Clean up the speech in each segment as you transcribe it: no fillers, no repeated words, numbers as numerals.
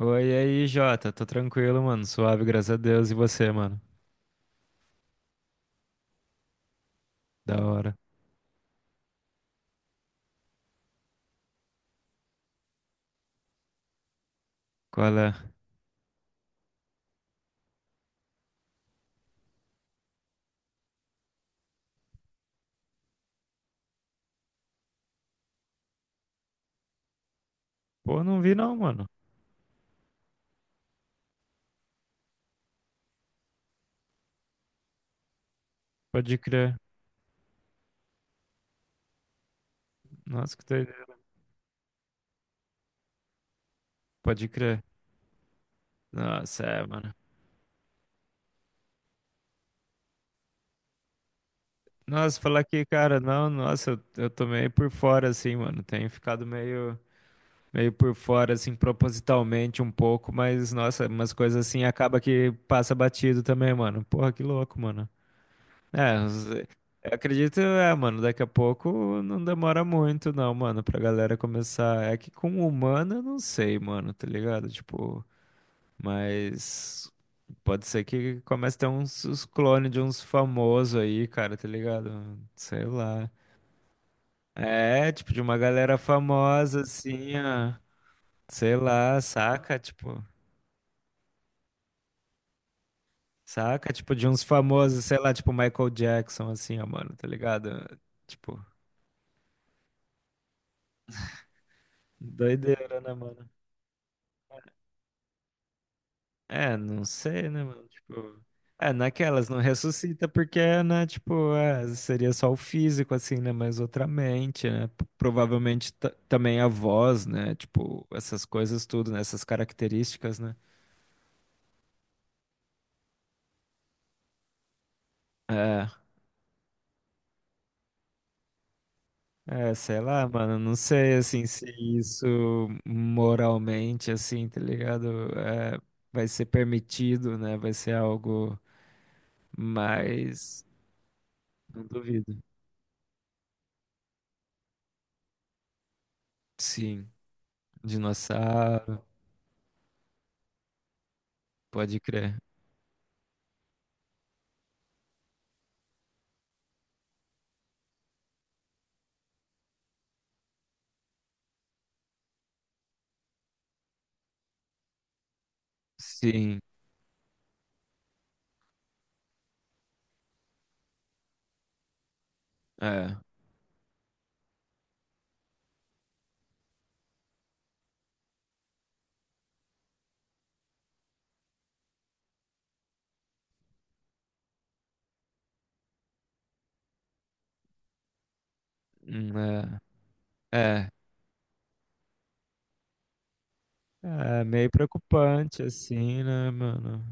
Oi, e aí, Jota. Tô tranquilo, mano. Suave, graças a Deus. E você, mano? Da hora. Qual é? Pô, não vi não, mano. Pode crer. Nossa, que doideira. Pode crer. Nossa, é, mano. Nossa, falar que, cara, não, nossa, eu tô meio por fora, assim, mano. Tenho ficado meio por fora, assim, propositalmente um pouco, mas, nossa, umas coisas assim acaba que passa batido também, mano. Porra, que louco, mano. É, eu acredito, é, mano, daqui a pouco não demora muito, não, mano, pra galera começar. É que com humano eu não sei, mano, tá ligado? Tipo, mas pode ser que comece a ter uns clones de uns famosos aí, cara, tá ligado? Sei lá. É, tipo, de uma galera famosa, assim, ó, sei lá, saca, tipo, de uns famosos, sei lá, tipo, Michael Jackson, assim, ó, mano, tá ligado? Tipo, doideira, né, mano? É, não sei, né, mano? Tipo, é, naquelas não ressuscita porque, né, tipo, é, seria só o físico, assim, né? Mas outra mente, né? Provavelmente também a voz, né? Tipo, essas coisas tudo, né? Essas características, né? É, é, sei lá, mano, não sei, assim, se isso moralmente, assim, tá ligado? É, vai ser permitido, né? Vai ser algo mais. Não duvido. Sim, dinossauro, pode crer. Sim, é, é, é, é meio preocupante assim, né, mano?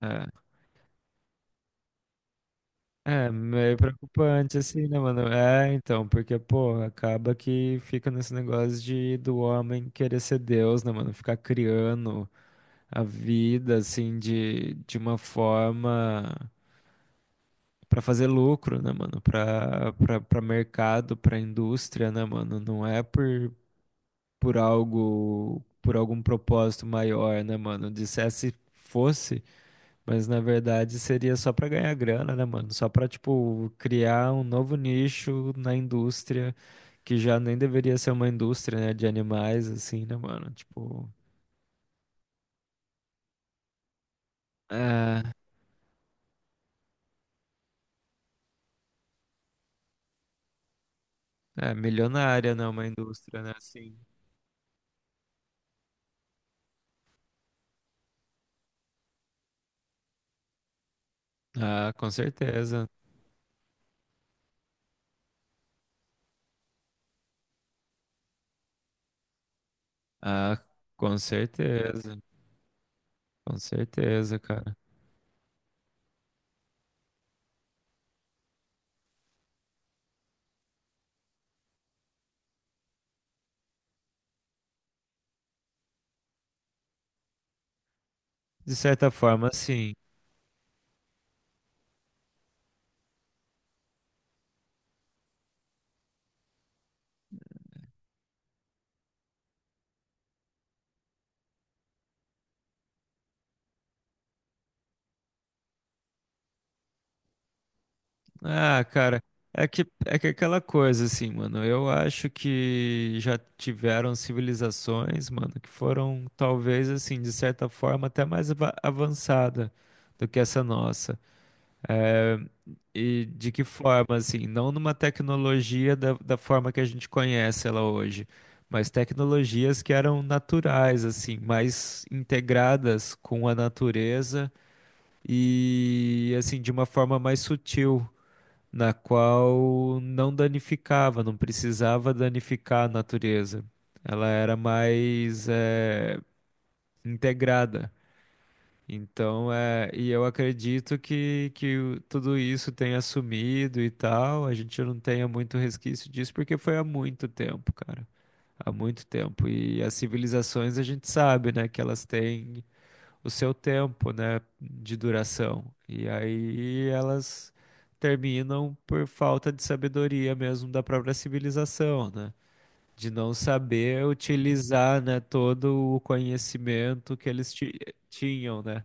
É, é meio preocupante assim, né, mano? É, então, porque, pô, acaba que fica nesse negócio de do homem querer ser Deus, né, mano? Ficar criando a vida assim de uma forma pra fazer lucro, né, mano? Pra mercado, pra indústria, né, mano? Não é por algo, por algum propósito maior, né, mano? Dissesse fosse, mas na verdade seria só pra ganhar grana, né, mano? Só pra, tipo, criar um novo nicho na indústria, que já nem deveria ser uma indústria, né, de animais, assim, né, mano? Tipo, é, é milionária, né, uma indústria, né, assim. Ah, com certeza. Ah, com certeza. Com certeza, cara. De certa forma, sim. Ah, cara, é que aquela coisa assim, mano. Eu acho que já tiveram civilizações, mano, que foram talvez assim, de certa forma, até mais avançada do que essa nossa. É, e de que forma, assim, não numa tecnologia da forma que a gente conhece ela hoje, mas tecnologias que eram naturais, assim, mais integradas com a natureza e assim de uma forma mais sutil na qual não danificava, não precisava danificar a natureza. Ela era mais integrada. Então, é, e eu acredito que tudo isso tenha sumido e tal, a gente não tenha muito resquício disso, porque foi há muito tempo, cara. Há muito tempo. E as civilizações a gente sabe, né, que elas têm o seu tempo, né, de duração. E aí elas terminam por falta de sabedoria mesmo da própria civilização, né? De não saber utilizar, né, todo o conhecimento que eles tinham, né?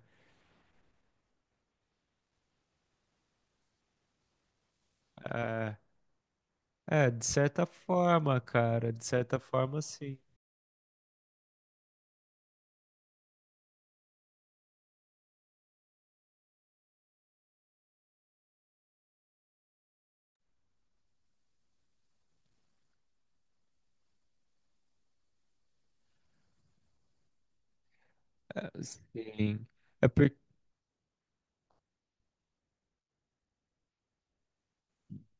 É, é, de certa forma, cara, de certa forma, sim. É, sim. É porque.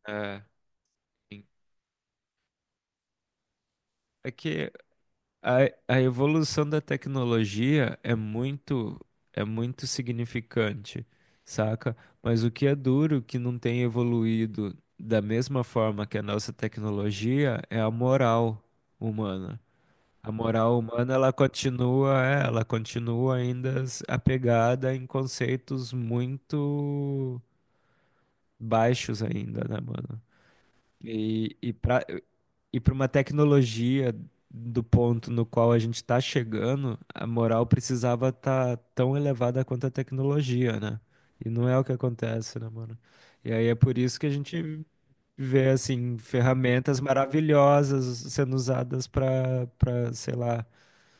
É, sim. É que a evolução da tecnologia é muito significante, saca? Mas o que é duro que não tem evoluído da mesma forma que a nossa tecnologia é a moral humana. A moral humana ela continua, é, ela continua ainda apegada em conceitos muito baixos ainda, né, mano? E, e pra, e para uma tecnologia do ponto no qual a gente está chegando, a moral precisava estar tão elevada quanto a tecnologia, né? E não é o que acontece, né, mano? E aí é por isso que a gente vê, assim, ferramentas maravilhosas sendo usadas para sei lá,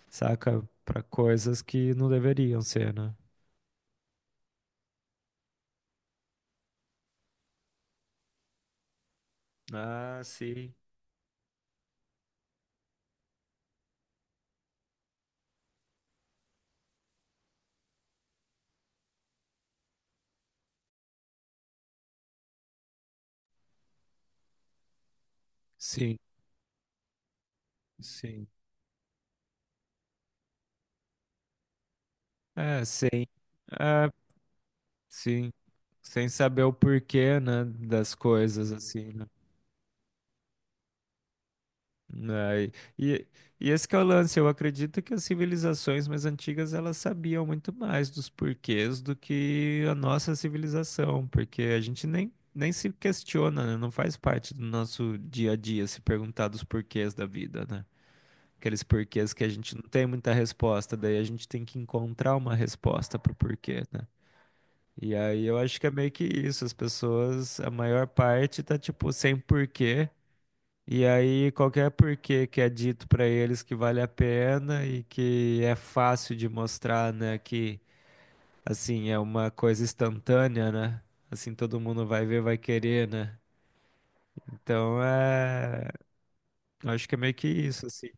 saca? Para coisas que não deveriam ser, né? Ah, sim. Sim, sim. É, sim. É, sim, sem saber o porquê, né, das coisas assim, né? Né, E, e esse que é o lance, eu acredito que as civilizações mais antigas elas sabiam muito mais dos porquês do que a nossa civilização, porque a gente nem se questiona, né? Não faz parte do nosso dia a dia se perguntar dos porquês da vida, né? Aqueles porquês que a gente não tem muita resposta, daí a gente tem que encontrar uma resposta pro porquê, né? E aí eu acho que é meio que isso, as pessoas, a maior parte tá tipo sem porquê, e aí qualquer porquê que é dito pra eles que vale a pena e que é fácil de mostrar, né, que assim é uma coisa instantânea, né? Assim todo mundo vai ver, vai querer, né? Então é, eu acho que é meio que isso, assim.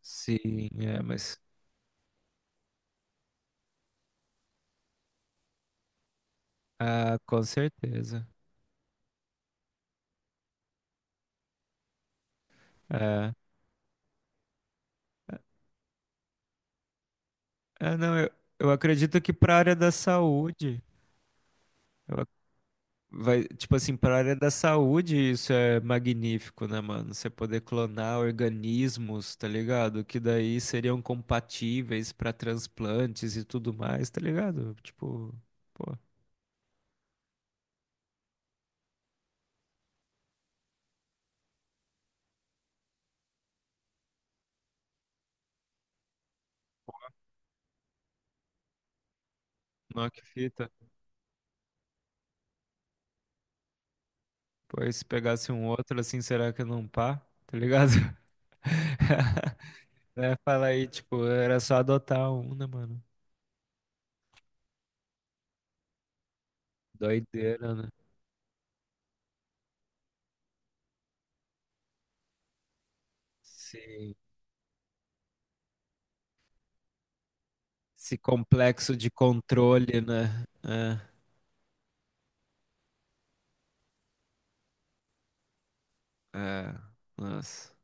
Sim, é, mas ah, com certeza. É. É, não, eu acredito que para a área da saúde, eu vai, tipo assim, para a área da saúde, isso é magnífico, né, mano? Você poder clonar organismos, tá ligado? Que daí seriam compatíveis para transplantes e tudo mais, tá ligado? Tipo, pô, nó que fita. Pô, e se pegasse um outro assim, será que não pá? Tá ligado? Né? Fala aí, tipo, era só adotar um, né, mano? Doideira, né? Esse, esse complexo de controle, né? É, é, nossa.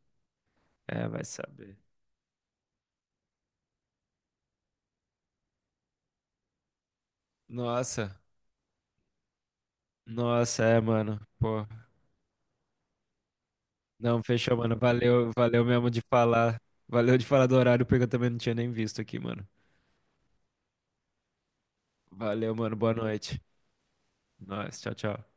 É, vai saber. Nossa, nossa, é, mano. Pô, não, fechou, mano. Valeu, valeu mesmo de falar. Valeu de falar do horário, porque eu também não tinha nem visto aqui, mano. Valeu, mano. Boa noite. Nós, tchau, tchau.